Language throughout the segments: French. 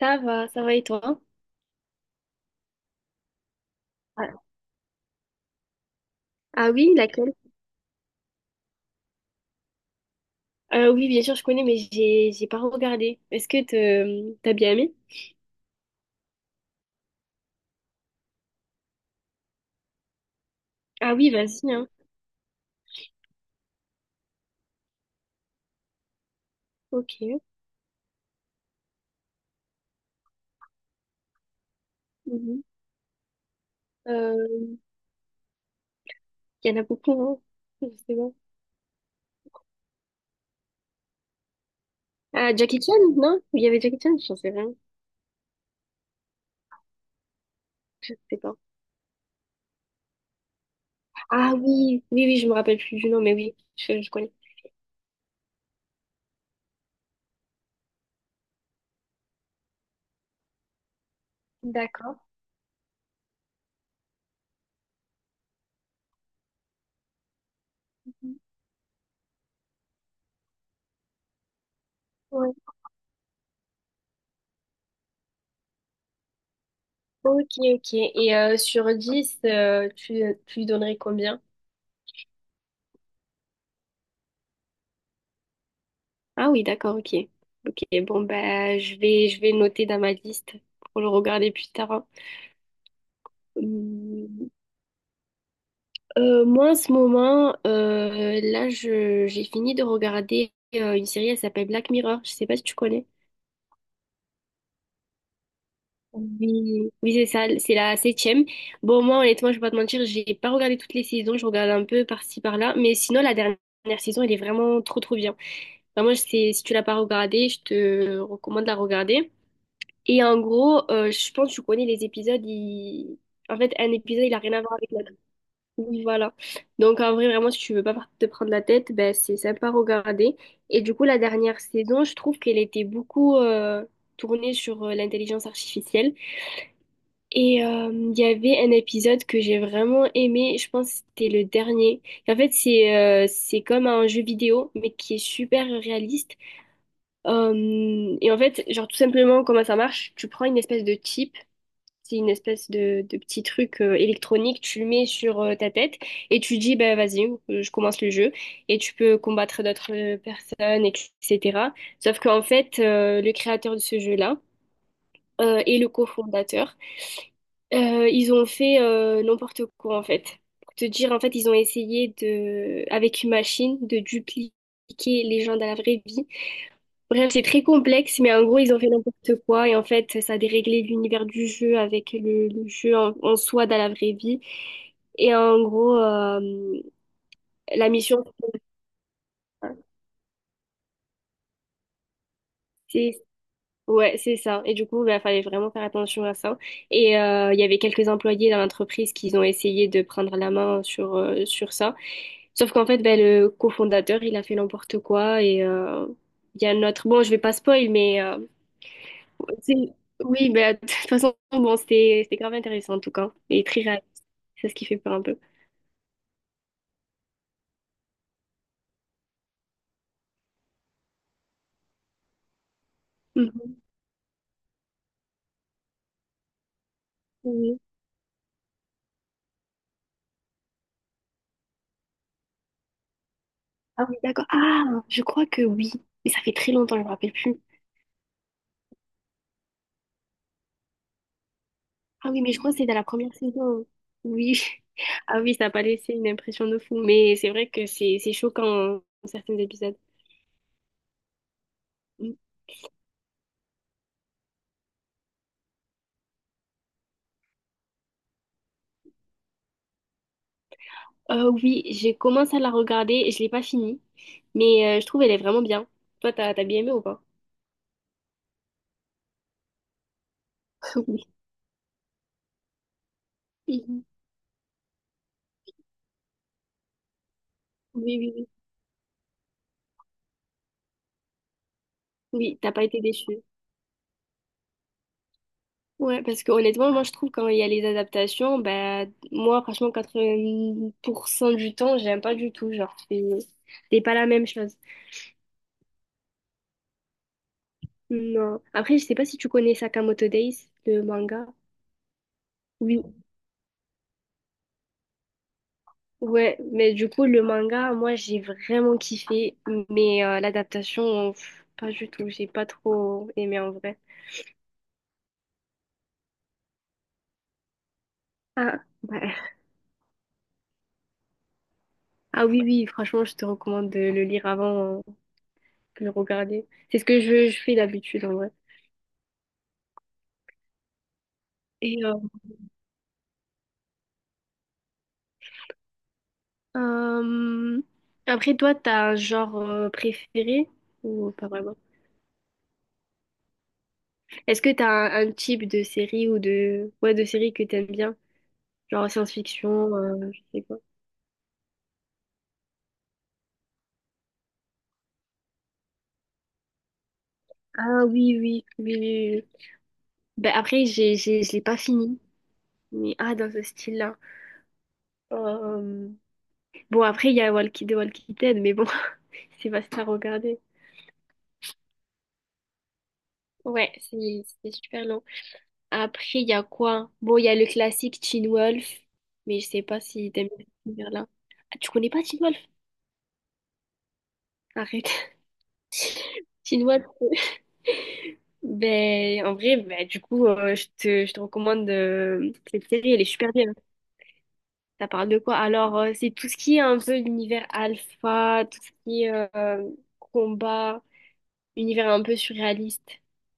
Ça va, ça va, et toi? Ah, ah oui, laquelle? Oui, bien sûr, je connais, mais j'ai pas regardé. Est-ce que t'as bien aimé? Ah oui, vas-y, hein. Ok. Mhm. Euh, Il y en a beaucoup, hein. Je sais pas. Ah, Jackie Chan, non? Il y avait Jackie Chan? Je sais rien. Je sais pas. Ah oui, oui, oui, je me rappelle plus du nom, mais oui, je connais. D'accord. Ouais. Ok, ok. Et sur 10, tu lui donnerais combien? Ah oui, d'accord, ok. Ok, bon, bah, je vais noter dans ma liste pour le regarder plus tard, hein. Hum, Moi, en ce moment, j'ai fini de regarder une série, elle s'appelle Black Mirror. Je sais pas si tu connais. Oui, oui, c'est ça, c'est la septième. Bon, moi, honnêtement, je vais pas te mentir, j'ai pas regardé toutes les saisons, je regarde un peu par-ci, par-là. Mais sinon, la dernière saison, elle est vraiment trop, trop bien. Vraiment, c'est, si tu l'as pas regardée, je te recommande de la regarder. Et en gros, je pense que tu connais les épisodes. En fait, un épisode, il a rien à voir avec l'autre. Oui, voilà. Donc, en vrai, vraiment, si tu veux pas te prendre la tête, ben, c'est sympa à regarder. Et du coup, la dernière saison, je trouve qu'elle était beaucoup tournée sur l'intelligence artificielle. Et il y avait un épisode que j'ai vraiment aimé. Je pense que c'était le dernier. En fait, c'est comme un jeu vidéo, mais qui est super réaliste. Et en fait, genre, tout simplement, comment ça marche? Tu prends une espèce de chip. C'est une espèce de petit truc électronique, tu le mets sur ta tête et tu dis, bah, vas-y, je commence le jeu et tu peux combattre d'autres personnes, etc. Sauf qu'en fait, le créateur de ce jeu-là et le cofondateur, ils ont fait n'importe quoi en fait. Pour te dire, en fait, ils ont essayé de, avec une machine de dupliquer les gens dans la vraie vie. Bref, c'est très complexe, mais en gros, ils ont fait n'importe quoi. Et en fait, ça a déréglé l'univers du jeu avec le jeu en soi dans la vraie vie. Et en gros, la mission, c'est ouais, c'est ça. Et du coup, il fallait vraiment faire attention à ça. Et il y avait quelques employés dans l'entreprise qui ont essayé de prendre la main sur, sur ça. Sauf qu'en fait, ben, le cofondateur, il a fait n'importe quoi. Et il y a un autre... Bon, je vais pas spoil, mais... C'est- Oui, bah, de toute façon, bon, c'était grave intéressant en tout cas, et très réaliste. C'est ce qui fait peur un peu. Mhm. Mhm. Ah oui, d'accord. Ah, je crois que oui, mais ça fait très longtemps, je me rappelle plus. Ah oui, mais je crois que c'est dans la première saison. Oui. Ah oui, ça n'a pas laissé une impression de fou, mais c'est vrai que c'est choquant hein, dans certains épisodes. Mm. Oui, j'ai commencé à la regarder, et je l'ai pas finie, mais je trouve elle est vraiment bien. Toi, t'as bien aimé ou pas? Oui. Mhm. Oui, oui, oui. Oui, t'as pas été déçue. Ouais, parce que honnêtement, moi je trouve quand il y a les adaptations, bah moi franchement 80% du temps, j'aime pas du tout, genre c'est pas la même chose. Non. Après, je sais pas si tu connais Sakamoto Days, le manga. Oui. Ouais, mais du coup le manga, moi j'ai vraiment kiffé, mais l'adaptation, pff, pas du tout, j'ai pas trop aimé en vrai. Ah, bah, ah oui, oui, franchement, je te recommande de le lire avant que de le regarder. C'est ce que je fais d'habitude en vrai. Et Euh, Après, toi, t'as un genre préféré ou pas vraiment? Est-ce que un type de série ou de ouais de série que t'aimes bien? Genre science-fiction, je sais pas. Ah oui, oui, oui, oui, oui. Ben après, je l'ai pas fini. Mais ah, dans ce style-là. Euh, Bon, après, il y a Walkie, The Walking Dead, mais bon, c'est vaste à regarder. Ouais, c'est super long. Après, il y a quoi? Bon, il y a le classique Teen Wolf, mais je sais pas si t'aimes bien cet univers-là. Ah, tu connais pas Teen Wolf? Arrête. Teen Wolf. Ben, en vrai, ben, du coup, je te recommande cette série, elle est super bien. Ça parle de quoi? Alors, c'est tout ce qui est un peu l'univers alpha, tout ce qui est euh, combat, univers un peu surréaliste,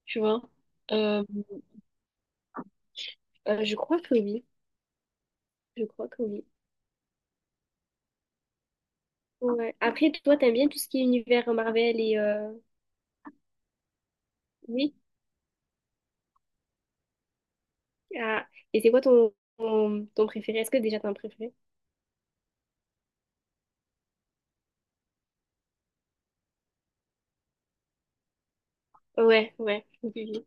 tu vois? Euh, je crois que oui, je crois que oui. Ouais. Après, toi, t'aimes bien tout ce qui est univers Marvel et euh. Oui. Ah. Et c'est quoi ton préféré? Est-ce que déjà t'as un préféré? Ouais, ouais. Oui, oui.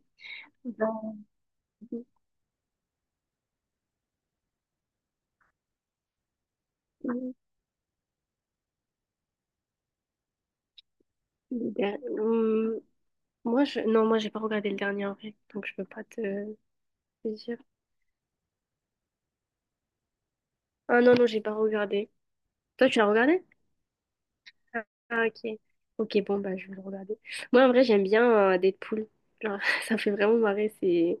Hum, le der- hum, Moi, je... Non, moi, j'ai pas regardé le dernier en vrai, donc je peux pas te dire. Ah non, non, j'ai pas regardé. Toi, tu l'as regardé? Ah, ok. Ok, bon, bah, je vais le regarder. Moi, en vrai, j'aime bien Deadpool. Genre, ça fait vraiment marrer, c'est...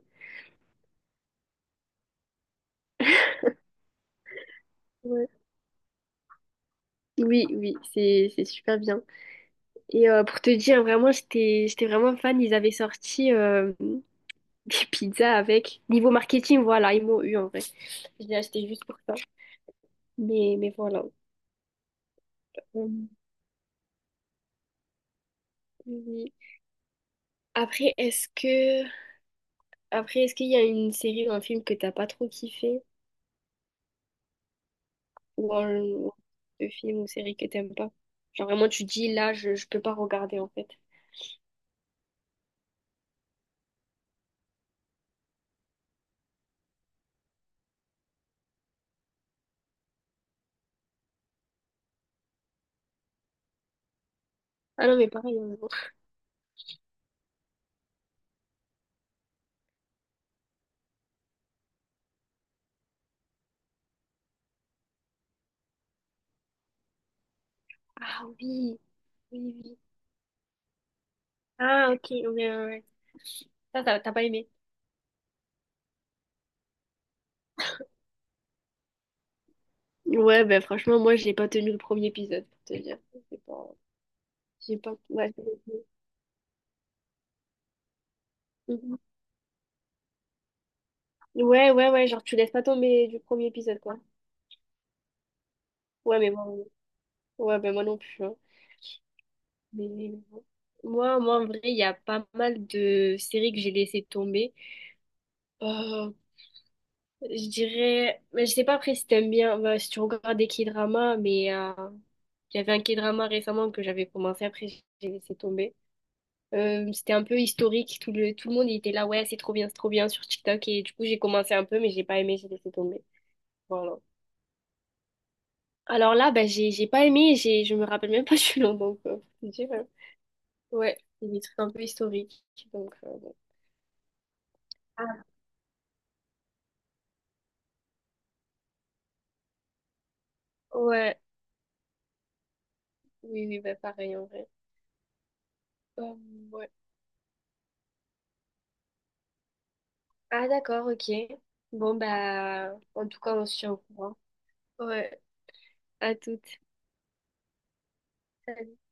Ouais. Oui, oui, c'est super bien. Et pour te dire, vraiment, j'étais vraiment fan. Ils avaient sorti... des pizzas avec. Niveau marketing, voilà, ils m'ont eu en vrai. Je l'ai acheté juste pour ça. Mais voilà. Euh, oui. Après, est-ce que après, est-ce qu'il y a une série ou un film que t'as pas trop kiffé? Ou un film ou série que t'aimes pas? Genre vraiment tu dis là je peux pas regarder en fait. Ah non mais pareil, hein. Ah oui, oui, oui. Ah ok, ouais, ouais, ouais. Ça, t'as pas aimé. Ouais, ben franchement, moi, j'ai pas tenu le premier épisode, pour te dire. J'ai J'ai pas... Ouais. Ouais, ouais, ouais, genre tu laisses pas tomber du premier épisode, quoi. Ouais, mais bon, ouais, ben moi non plus, hein. Mais bon. Moi, en vrai, il y a pas mal de séries que j'ai laissées tomber. Euh, je dirais, mais je sais pas après si t'aimes bien, bah, si tu regardes des K-dramas, mais il y avait un K-drama récemment que j'avais commencé, après j'ai laissé tomber. C'était un peu historique, tout tout le monde il était là, ouais, c'est trop bien sur TikTok, et du coup j'ai commencé un peu, mais j'ai pas aimé, j'ai laissé tomber. Voilà. Alors là, bah, j'ai pas aimé, j'ai je me rappelle même pas du nom, donc faut dire, ouais, c'est des trucs un peu historiques, donc bon. Ah. Ouais, oui, oui, bah pareil en vrai. Euh, ouais. Ah d'accord, ok. Bon bah, en tout cas, on se tient au courant. Ouais, à toutes. Salut.